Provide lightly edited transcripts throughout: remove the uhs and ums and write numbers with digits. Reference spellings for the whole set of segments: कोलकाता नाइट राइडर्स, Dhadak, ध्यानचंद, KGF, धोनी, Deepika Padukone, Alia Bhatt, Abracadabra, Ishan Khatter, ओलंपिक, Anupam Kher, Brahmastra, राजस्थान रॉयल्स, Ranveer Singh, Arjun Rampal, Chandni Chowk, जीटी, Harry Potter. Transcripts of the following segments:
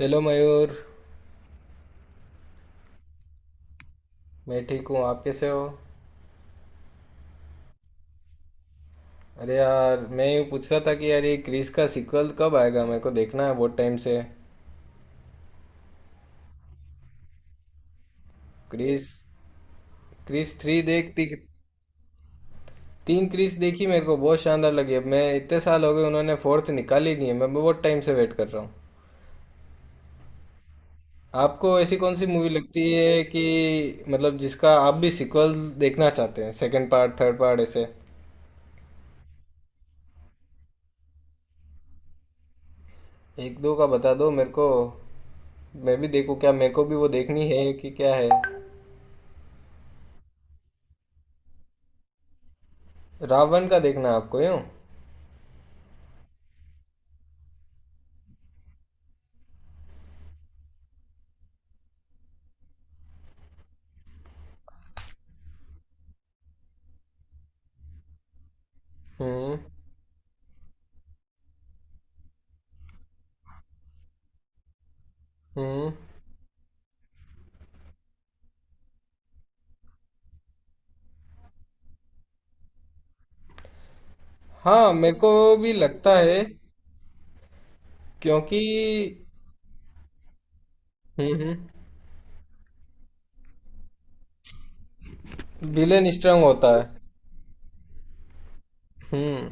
Hello Mayur. मैं ठीक हूँ, आप कैसे हो? अरे यार, मैं यूँ पूछ रहा था कि यार ये क्रिस का सीक्वल कब आएगा, मेरे को देखना है बहुत टाइम से। क्रिस क्रिस थ्री देख ती, तीन क्रिस देखी, मेरे को बहुत शानदार लगी। अब मैं, इतने साल हो गए, उन्होंने फोर्थ निकाली नहीं है, मैं बहुत टाइम से वेट कर रहा हूँ। आपको ऐसी कौन सी मूवी लगती है कि मतलब जिसका आप भी सीक्वल देखना चाहते हैं, सेकंड पार्ट, थर्ड पार्ट ऐसे? एक दो का बता दो मेरे को, मैं भी देखूँ। क्या मेरे को भी वो देखनी है कि क्या है? रावण का देखना है आपको यूं? हम्म। हम्म। हाँ मेरे को भी लगता है क्योंकि। हम्म। हम्म। विलेन स्ट्रांग होता है। हम्म।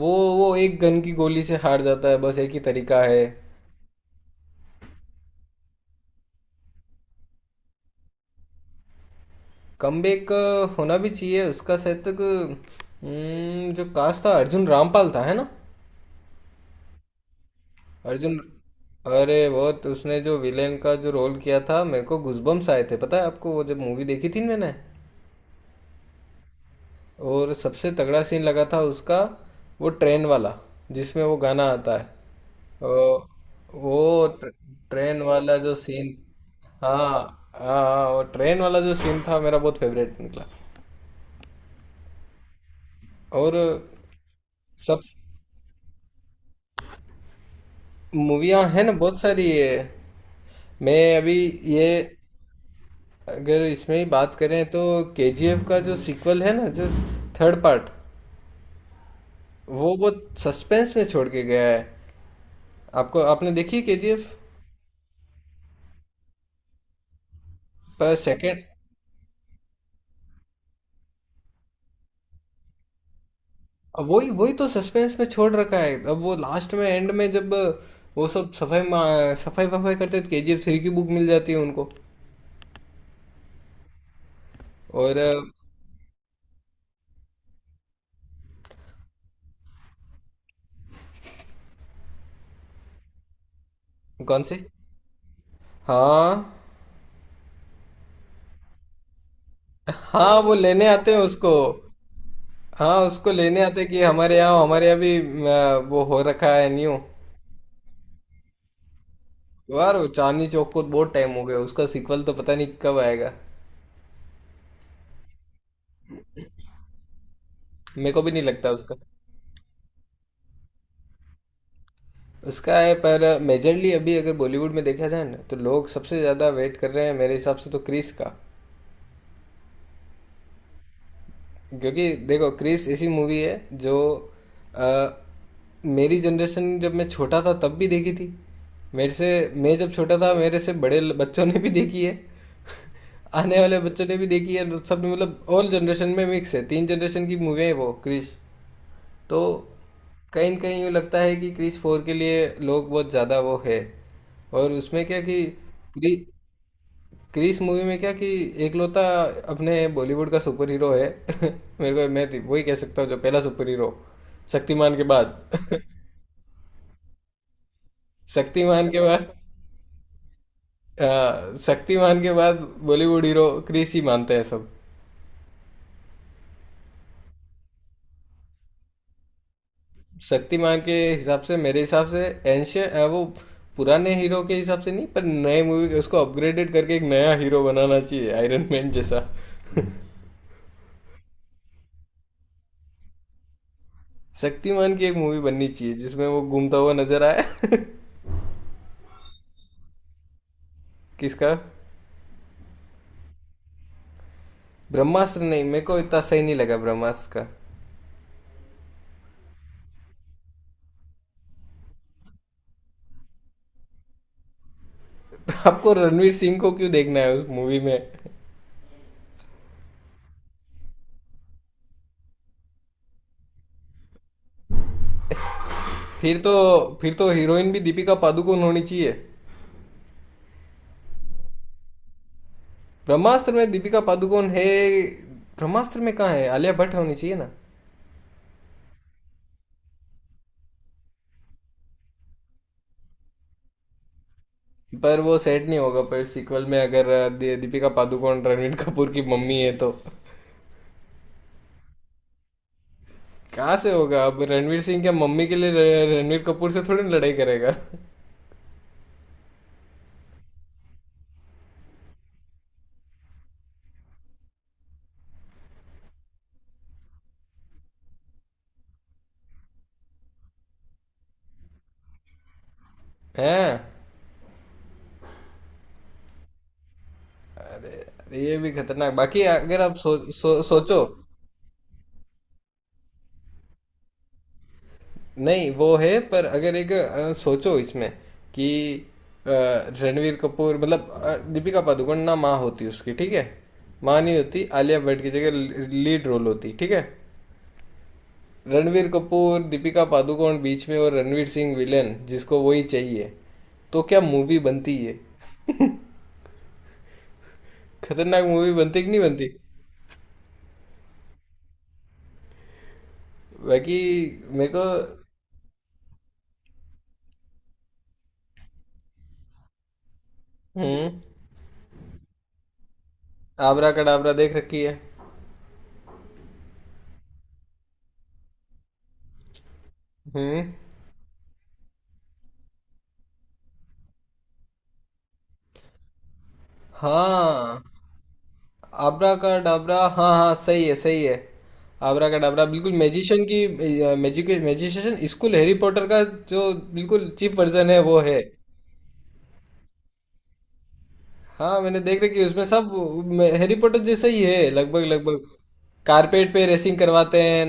वो एक गन की गोली से हार जाता है, बस एक ही तरीका है। कमबैक होना भी चाहिए उसका, शायद तक। हम्म। जो कास्ट था अर्जुन रामपाल था, है ना? अर्जुन अरे बहुत उसने जो विलेन का जो रोल किया था, मेरे को गूजबम्स आए थे, पता है आपको, वो जब मूवी देखी थी ना मैंने। और सबसे तगड़ा सीन लगा था उसका, वो ट्रेन वाला जिसमें वो गाना आता है। वो, वो ट्र, ट्रेन वाला जो सीन। हाँ हाँ हाँ, वो ट्रेन वाला जो सीन था मेरा बहुत फेवरेट निकला। और सब मूवियाँ हैं ना, बहुत सारी है। मैं अभी ये अगर इसमें ही बात करें तो केजीएफ का जो सीक्वल है ना, जो थर्ड पार्ट, वो बहुत सस्पेंस में छोड़ के गया है। आपको, आपने देखी केजीएफ? पर सेकंड, अब वही वही तो सस्पेंस में छोड़ रखा है। अब वो लास्ट में, एंड में, जब वो सब सफाई वफाई करते तो केजीएफ थ्री की बुक मिल जाती है उनको। और कौन सी? हाँ हाँ, वो लेने आते हैं उसको। हाँ उसको लेने आते हैं कि हमारे यहाँ, हमारे यहाँ भी। वो हो रखा है न्यू। यार वो चांदनी चौक को बहुत टाइम हो गया, उसका सीक्वल तो पता नहीं कब आएगा। मेरे को भी नहीं लगता उसका। उसका है पर मेजरली अभी अगर बॉलीवुड में देखा जाए ना तो लोग सबसे ज़्यादा वेट कर रहे हैं मेरे हिसाब से तो क्रिस का। क्योंकि देखो क्रिस ऐसी मूवी है जो अ, मेरी जनरेशन जब मैं छोटा था तब भी देखी थी। मेरे से मैं जब छोटा था, मेरे से बड़े बच्चों ने भी देखी है। आने वाले बच्चों ने भी देखी है, सब ने, मतलब ऑल जनरेशन में मिक्स है, तीन जनरेशन की मूवी है वो क्रिस। तो कहीं न कहीं यूँ लगता है कि क्रिस फोर के लिए लोग बहुत ज़्यादा वो है। और उसमें क्या कि क्रि- क्रिस मूवी में क्या कि एकलौता अपने बॉलीवुड का सुपर हीरो है मेरे को, मैं तो वही कह सकता हूँ जो पहला सुपर हीरो शक्तिमान के बाद शक्तिमान के बाद। शक्तिमान के बाद बॉलीवुड हीरो क्रिस ही मानते हैं सब। शक्तिमान के हिसाब से, मेरे हिसाब से, एंशियन वो पुराने हीरो के हिसाब से नहीं, पर नए मूवी उसको अपग्रेडेड करके एक नया हीरो बनाना चाहिए आयरन मैन जैसा। शक्तिमान की एक मूवी बननी चाहिए जिसमें वो घूमता हुआ नजर आए किसका? ब्रह्मास्त्र नहीं, मेरे को इतना सही नहीं लगा ब्रह्मास्त्र का। आपको रणवीर सिंह को क्यों देखना है उस मूवी में? फिर तो फिर तो हीरोइन भी दीपिका पादुकोण होनी चाहिए। ब्रह्मास्त्र में दीपिका पादुकोण है? ब्रह्मास्त्र में कहाँ है, आलिया भट्ट होनी चाहिए ना। पर वो सेट नहीं होगा, पर सीक्वल में अगर दीपिका पादुकोण रणवीर कपूर की मम्मी है तो कहाँ से होगा? अब रणवीर सिंह क्या मम्मी के लिए रणवीर कपूर से थोड़ी ना लड़ाई करेगा? है। ये भी खतरनाक, बाकी अगर आप सोचो। नहीं वो है पर अगर एक सोचो इसमें कि अ, रणवीर कपूर मतलब दीपिका पादुकोण ना माँ होती उसकी, ठीक है। माँ नहीं होती, आलिया भट्ट की जगह लीड रोल होती, ठीक है। रणवीर कपूर दीपिका पादुकोण बीच में और रणवीर सिंह विलेन जिसको वही चाहिए, तो क्या मूवी बनती है? खतरनाक मूवी बनती कि नहीं बनती? बाकी मेरे को। हम्म। आबरा कडाबरा देख रखी है? हम्म। हाँ। आबरा का डाबरा, हाँ हाँ, सही है सही है। आबरा का डाबरा बिल्कुल मैजिशियन की। मैजिशियन स्कूल हैरी पॉटर का जो बिल्कुल चीप वर्जन है वो है। हाँ मैंने देख रखी है उसमें सब। हैरी पॉटर जैसा ही है लगभग लगभग। कारपेट पे रेसिंग करवाते हैं।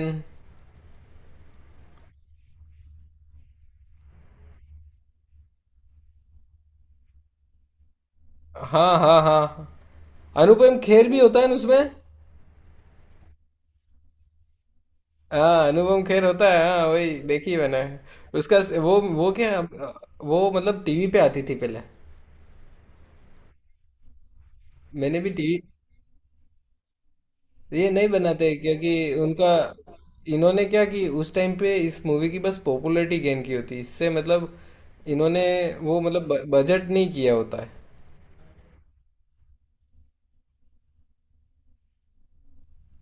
हाँ हाँ हाँ। अनुपम खेर भी होता है ना उसमें? हाँ अनुपम खेर होता है, हाँ वही देखी मैंने। उसका वो क्या, वो मतलब टीवी पे आती थी पहले। मैंने भी टीवी। ये नहीं बनाते क्योंकि उनका, इन्होंने क्या कि उस टाइम पे इस मूवी की बस पॉपुलैरिटी गेन की होती इससे मतलब, इन्होंने वो मतलब बजट नहीं किया होता है।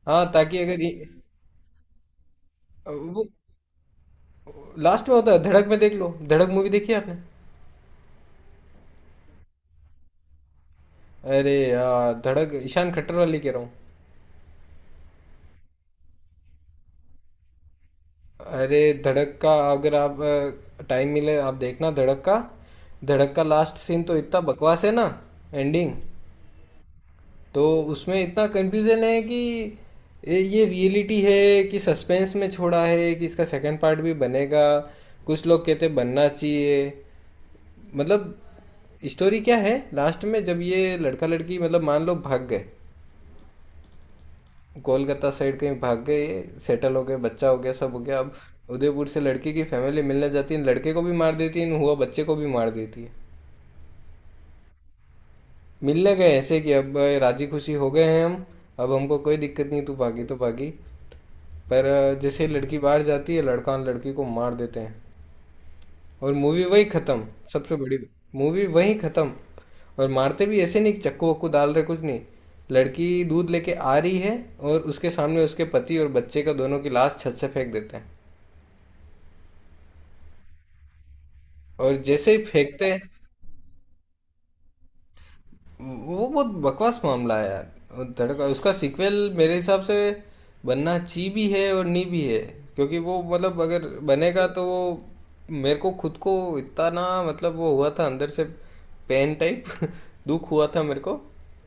हाँ ताकि अगर वो लास्ट में होता है। धड़क में देख लो, धड़क मूवी देखी है आपने? अरे यार धड़क, ईशान खट्टर वाली कह रहा हूँ। अरे धड़क का अगर आप टाइम मिले आप देखना धड़क का। धड़क का लास्ट सीन तो इतना बकवास है ना, एंडिंग। तो उसमें इतना कंफ्यूजन है कि ये रियलिटी है कि सस्पेंस में छोड़ा है कि इसका सेकंड पार्ट भी बनेगा, कुछ लोग कहते बनना चाहिए मतलब। स्टोरी क्या है, लास्ट में जब ये लड़का लड़की मतलब मान लो भाग गए, कोलकाता साइड कहीं भाग गए, सेटल हो गए, बच्चा हो गया, सब हो गया। अब उदयपुर से लड़की की फैमिली मिलने जाती है, लड़के को भी मार देती है, इन हुआ, बच्चे को भी मार देती है। मिलने गए ऐसे कि अब राजी खुशी हो गए हैं हम, अब हमको कोई दिक्कत नहीं, तू भागी तो भागी। पर जैसे लड़की बाहर जाती है, लड़का लड़की को मार देते हैं और मूवी वही खत्म। सबसे बड़ी, मूवी वही खत्म। और मारते भी ऐसे नहीं कि चक्कू वक्कू डाल रहे, कुछ नहीं। लड़की दूध लेके आ रही है और उसके सामने उसके पति और बच्चे का, दोनों की लाश छत से फेंक देते हैं। और जैसे ही फेंकते हैं, वो बहुत बकवास मामला है यार वो धड़का। उसका सीक्वल मेरे हिसाब से बनना ची भी है और नी भी है क्योंकि वो मतलब अगर बनेगा तो वो मेरे को खुद को इतना ना, मतलब वो हुआ था अंदर से पेन टाइप दुख हुआ था मेरे को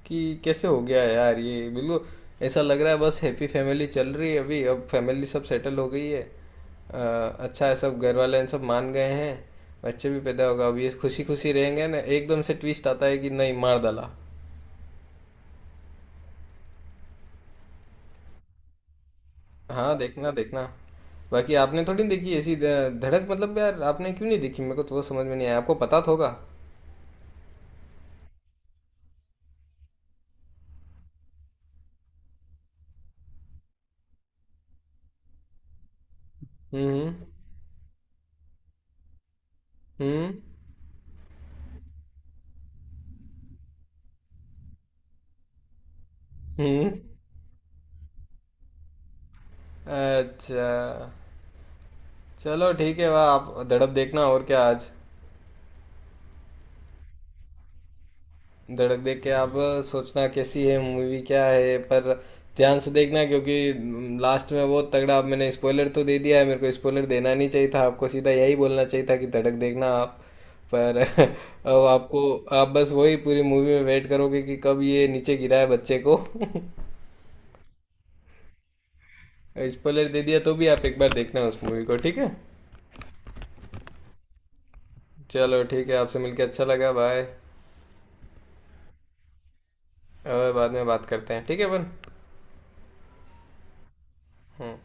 कि कैसे हो गया यार ये बिल्कुल ऐसा लग रहा है। बस हैप्पी फैमिली चल रही है अभी, अब फैमिली सब सेटल हो गई है। अ, अच्छा है सब घर वाले इन सब मान गए हैं। बच्चे भी पैदा होगा, अब ये खुशी खुशी रहेंगे ना, एकदम से ट्विस्ट आता है कि नहीं मार डाला। हाँ देखना देखना। बाकी आपने थोड़ी देखी ऐसी धड़क, मतलब यार आपने क्यों नहीं देखी, मेरे को तो वो समझ में नहीं आया, आपको पता तो होगा। हम्म। हम्म। हम्म। अच्छा चलो ठीक है, वाह आप धड़क देखना और क्या आज। धड़क देख के आप सोचना कैसी है मूवी क्या है, पर ध्यान से देखना क्योंकि लास्ट में बहुत तगड़ा। अब मैंने स्पॉइलर तो दे दिया है, मेरे को स्पॉइलर देना नहीं चाहिए था, आपको सीधा यही बोलना चाहिए था कि धड़क देखना आप, पर अब आपको, आप बस वही पूरी मूवी में वेट करोगे कि कब ये नीचे गिरा है बच्चे को स्पॉइलर दे दिया तो भी आप एक बार देखना उस मूवी को, ठीक है। चलो ठीक है, आपसे मिलके अच्छा लगा, बाय। और बाद में बात करते हैं, ठीक है अपन। हम्म।